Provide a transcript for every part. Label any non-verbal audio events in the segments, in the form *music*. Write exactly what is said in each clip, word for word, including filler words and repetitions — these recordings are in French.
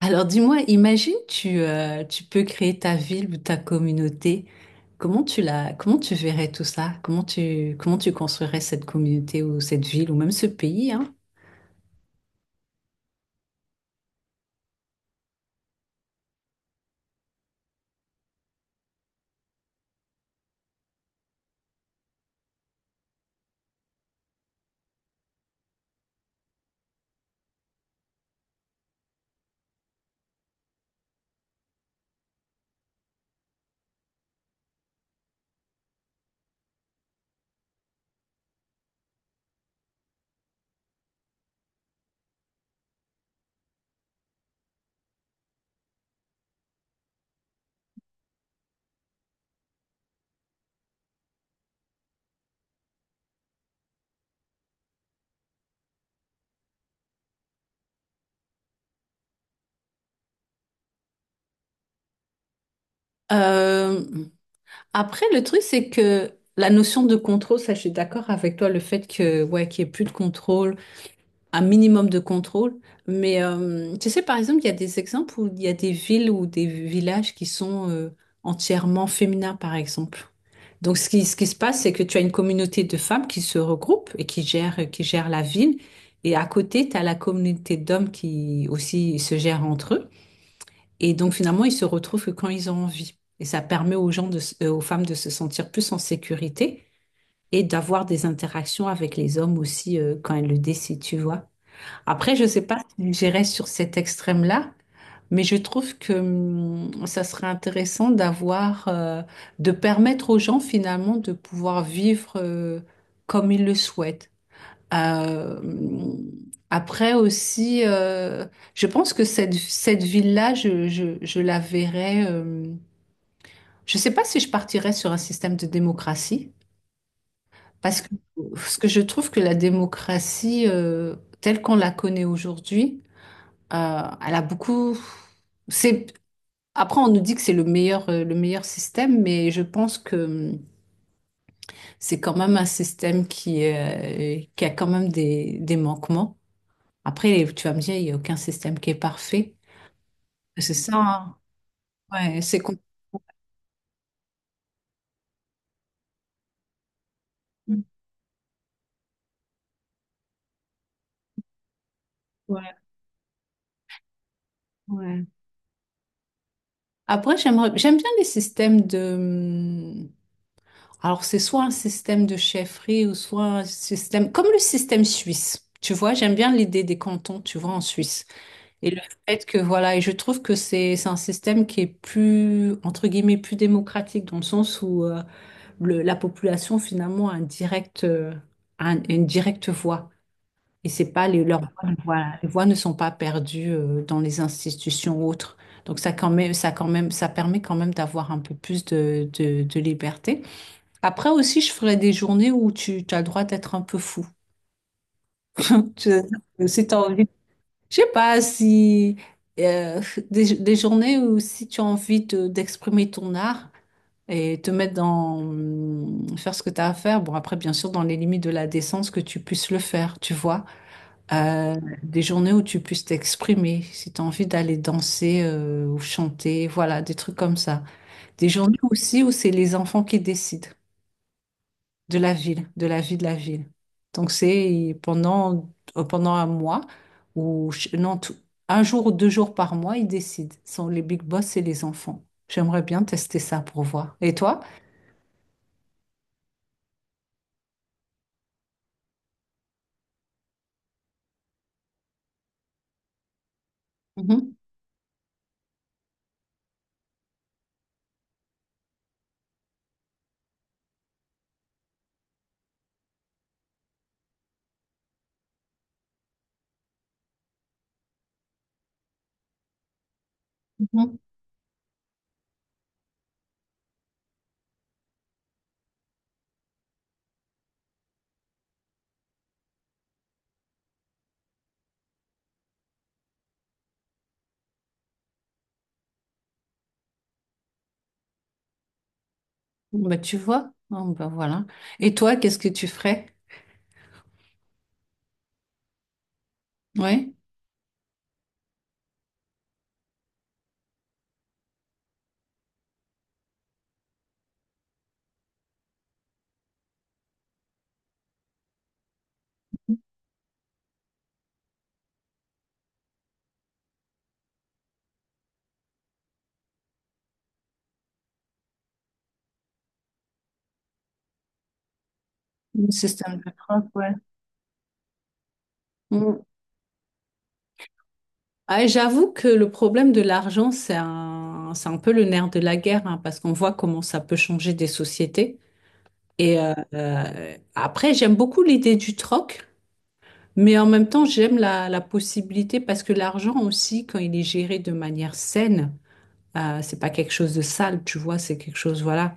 Alors dis-moi, imagine tu, euh, tu peux créer ta ville ou ta communauté. Comment tu la, comment tu verrais tout ça? Comment tu, comment tu construirais cette communauté ou cette ville ou même ce pays, hein? Euh, Après, le truc, c'est que la notion de contrôle, ça, je suis d'accord avec toi, le fait que, ouais, qu'il n'y ait plus de contrôle, un minimum de contrôle. Mais euh, tu sais, par exemple, il y a des exemples où il y a des villes ou des villages qui sont euh, entièrement féminins, par exemple. Donc, ce qui, ce qui se passe, c'est que tu as une communauté de femmes qui se regroupent et qui gèrent, qui gèrent la ville. Et à côté, tu as la communauté d'hommes qui aussi se gèrent entre eux. Et donc finalement, ils se retrouvent que quand ils ont envie. Et ça permet aux gens de, s- euh, aux femmes de se sentir plus en sécurité et d'avoir des interactions avec les hommes aussi euh, quand elles le décident, tu vois. Après, je ne sais pas si j'irai sur cet extrême-là, mais je trouve que hum, ça serait intéressant d'avoir, euh, de permettre aux gens finalement de pouvoir vivre euh, comme ils le souhaitent. Euh, après aussi, euh, je pense que cette, cette ville-là, je, je, je la verrais. Euh, je ne sais pas si je partirais sur un système de démocratie, parce que, parce que je trouve que la démocratie, euh, telle qu'on la connaît aujourd'hui, euh, elle a beaucoup. C'est, après, on nous dit que c'est le meilleur, euh, le meilleur système, mais je pense que hum, c'est quand même un système qui, euh, qui a quand même des, des manquements. Après, tu vas me dire, il n'y a aucun système qui est parfait. C'est ça, hein. Ouais, c'est compliqué. Ouais, ouais. Après, j'aimerais, j'aime bien les systèmes de... Alors, c'est soit un système de chefferie ou soit un système... Comme le système suisse. Tu vois, j'aime bien l'idée des cantons, tu vois, en Suisse. Et le fait que, voilà, et je trouve que c'est c'est un système qui est plus, entre guillemets, plus démocratique, dans le sens où euh, le- la population, finalement, a un direct, euh, un- une directe voix. Et c'est pas les, leurs voix, voilà, les voix ne sont pas perdues euh, dans les institutions autres. Donc ça quand même, ça quand même, ça permet quand même d'avoir un peu plus de, de, de liberté. Après aussi, je ferai des journées où tu, tu as le droit d'être un peu fou. *laughs* Tu- Si tu as envie, je sais pas si euh, des, des journées où si tu as envie de- d'exprimer ton art et te mettre dans faire ce que tu as à faire. Bon après, bien sûr, dans les limites de la décence que tu puisses le faire, tu vois. Euh, des journées où tu puisses t'exprimer, si tu as envie d'aller danser euh, ou chanter, voilà, des trucs comme ça. Des journées aussi où c'est les enfants qui décident de la ville, de la vie de la ville. Donc c'est pendant, euh, pendant un mois ou ch- non, tout- un jour ou deux jours par mois, ils décident. Ce sont les big boss et les enfants. J'aimerais bien tester ça pour voir. Et toi? Mhm, mhm. Bah, tu vois, oh, bah, voilà. Et toi, qu'est-ce que tu ferais? Ouais, le système de preuve, ouais. Ah, j'avoue que le problème de l'argent, c'est un, c'est un peu le nerf de la guerre, hein, parce qu'on voit comment ça peut changer des sociétés. Et euh, euh, après, j'aime beaucoup l'idée du troc, mais en même temps, j'aime la, la possibilité, parce que l'argent aussi, quand il est géré de manière saine, euh, c'est pas quelque chose de sale, tu vois, c'est quelque chose, voilà.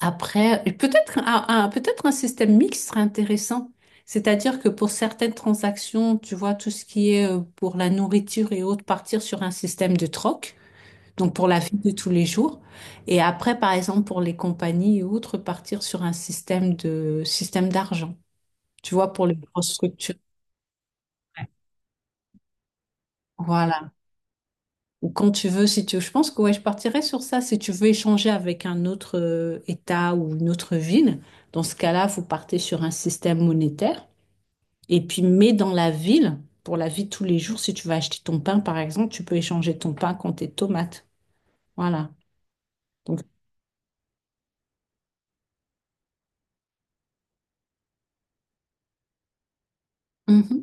Après, et peut-être un, un- peut-être un système mixte serait intéressant. C'est-à-dire que pour certaines transactions, tu vois, tout ce qui est euh, pour la nourriture et autres, partir sur un système de troc. Donc pour la vie de tous les jours. Et après, par exemple, pour les compagnies et autres, partir sur un système de système d'argent. Tu vois, pour les grosses structures. Voilà. Ou quand tu veux, si tu veux. Je pense que ouais, je partirais sur ça. Si tu veux échanger avec un autre euh, État ou une autre ville, dans ce cas-là, vous partez sur un système monétaire. Et puis, mais dans la ville, pour la vie de tous les jours, si tu vas acheter ton pain, par exemple, tu peux échanger ton pain contre tes tomates. Voilà. Donc, mhm.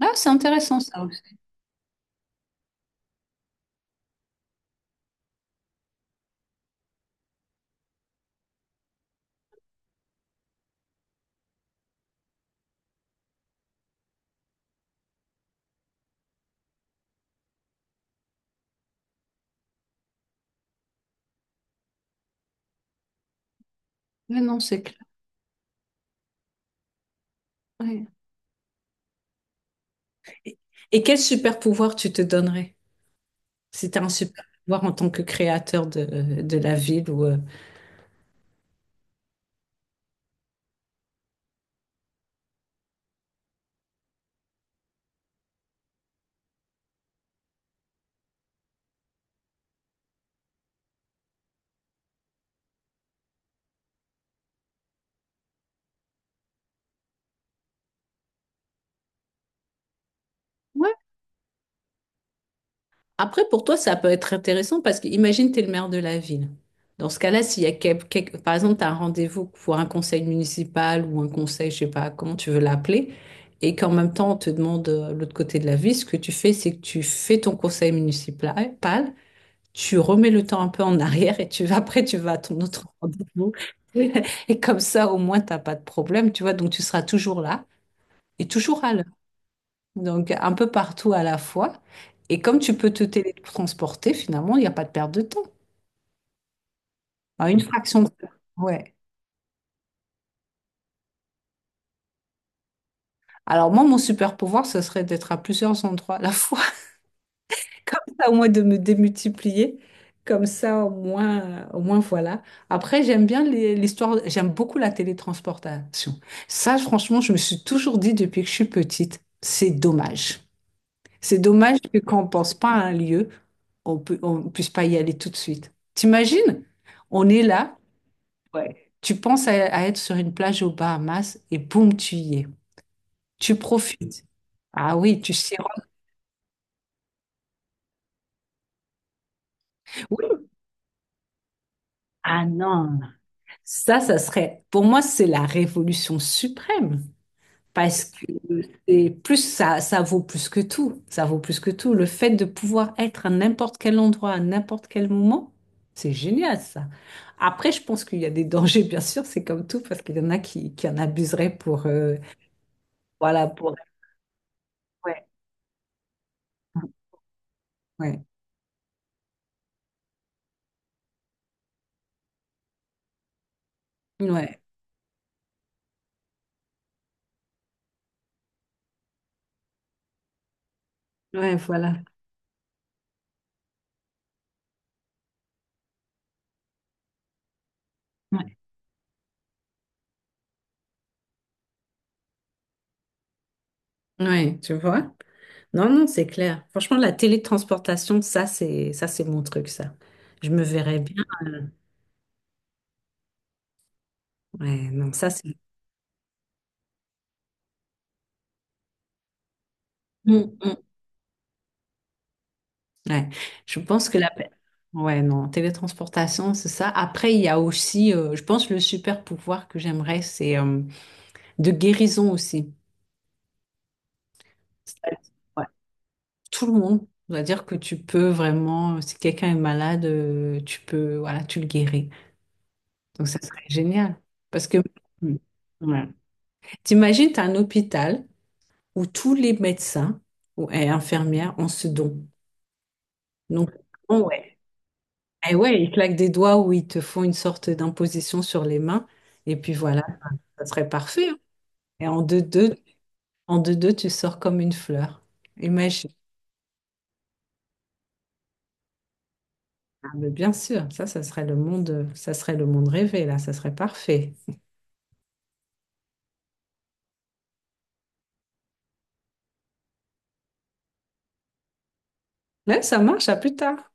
Ah, c'est intéressant ça aussi. Mais non, c'est clair. Ouais. Et et quel super pouvoir tu te donnerais si tu as un super pouvoir en tant que créateur de, de la ville ou euh, Ouais. Après, pour toi, ça peut être intéressant parce que imagine, tu es le maire de la ville. Dans ce cas-là, s'il y a quel- quel- par exemple, tu as un rendez-vous pour un conseil municipal ou un conseil, je sais pas comment tu veux l'appeler, et qu'en même temps, on te demande euh, l'autre côté de la ville, ce que tu fais, c'est que tu fais ton conseil municipal, tu remets le temps un peu en arrière, et tu vas, après tu vas à ton autre rendez-vous. *laughs* Et comme ça au moins t'as pas de problème, tu vois, donc tu seras toujours là et toujours à l'heure, donc un peu partout à la fois, et comme tu peux te télétransporter finalement, il n'y a pas de perte de temps, à une fraction de... temps. Ouais, alors moi mon super pouvoir ce serait d'être à plusieurs endroits à la fois. Comme ça, au moins de me démultiplier. Comme ça, au moins, au moins voilà. Après, j'aime bien les- l'histoire, j'aime beaucoup la télétransportation. Ça, franchement, je me suis toujours dit depuis que je suis petite, c'est dommage. C'est dommage que quand on pense pas à un lieu, on peut, on puisse pas y aller tout de suite. T'imagines? On est là, ouais, tu penses à, à être sur une plage aux Bahamas et boum, tu y es. Tu profites. Ah oui, tu sirotes. Oui. Ah non. Ça, ça serait, pour moi, c'est la révolution suprême. Parce que c'est plus ça, ça vaut plus que tout. Ça vaut plus que tout. Le fait de pouvoir être à n'importe quel endroit, à n'importe quel moment, c'est génial, ça. Après, je pense qu'il y a des dangers, bien sûr, c'est comme tout, parce qu'il y en a qui, qui en abuseraient pour, euh, voilà, pour, ouais, ouais, ouais, ouais, voilà. Ouais. Ouais, tu vois? Non, non, c'est clair. Franchement, la télétransportation, ça, c'est, ça, c'est mon truc, ça. Je me verrais bien. euh, Ouais, non, ça c'est. Mm, mm. Ouais. Je pense que la. Ouais, non, télétransportation, c'est ça. Après, il y a aussi, euh, je pense, le super pouvoir que j'aimerais, c'est euh, de guérison aussi. C'est-à-dire, ouais, tout le monde. C'est-à-dire que tu peux vraiment, si quelqu'un est malade, euh, tu peux, voilà, tu le guéris. Donc, ça serait génial. Parce que, mm. Ouais. T'imagines, tu as un hôpital où tous les médecins ou, et infirmières ont ce don. Donc, ouais. Eh ouais, ils claquent des doigts où ils te font une sorte d'imposition sur les mains. Et puis voilà, ça serait parfait. Hein. Et en deux-deux, en deux-deux, tu sors comme une fleur. Imagine. Ah, mais bien sûr, ça, ça serait le monde, ça serait le monde rêvé, là, ça serait parfait. Là, ça marche, à plus tard.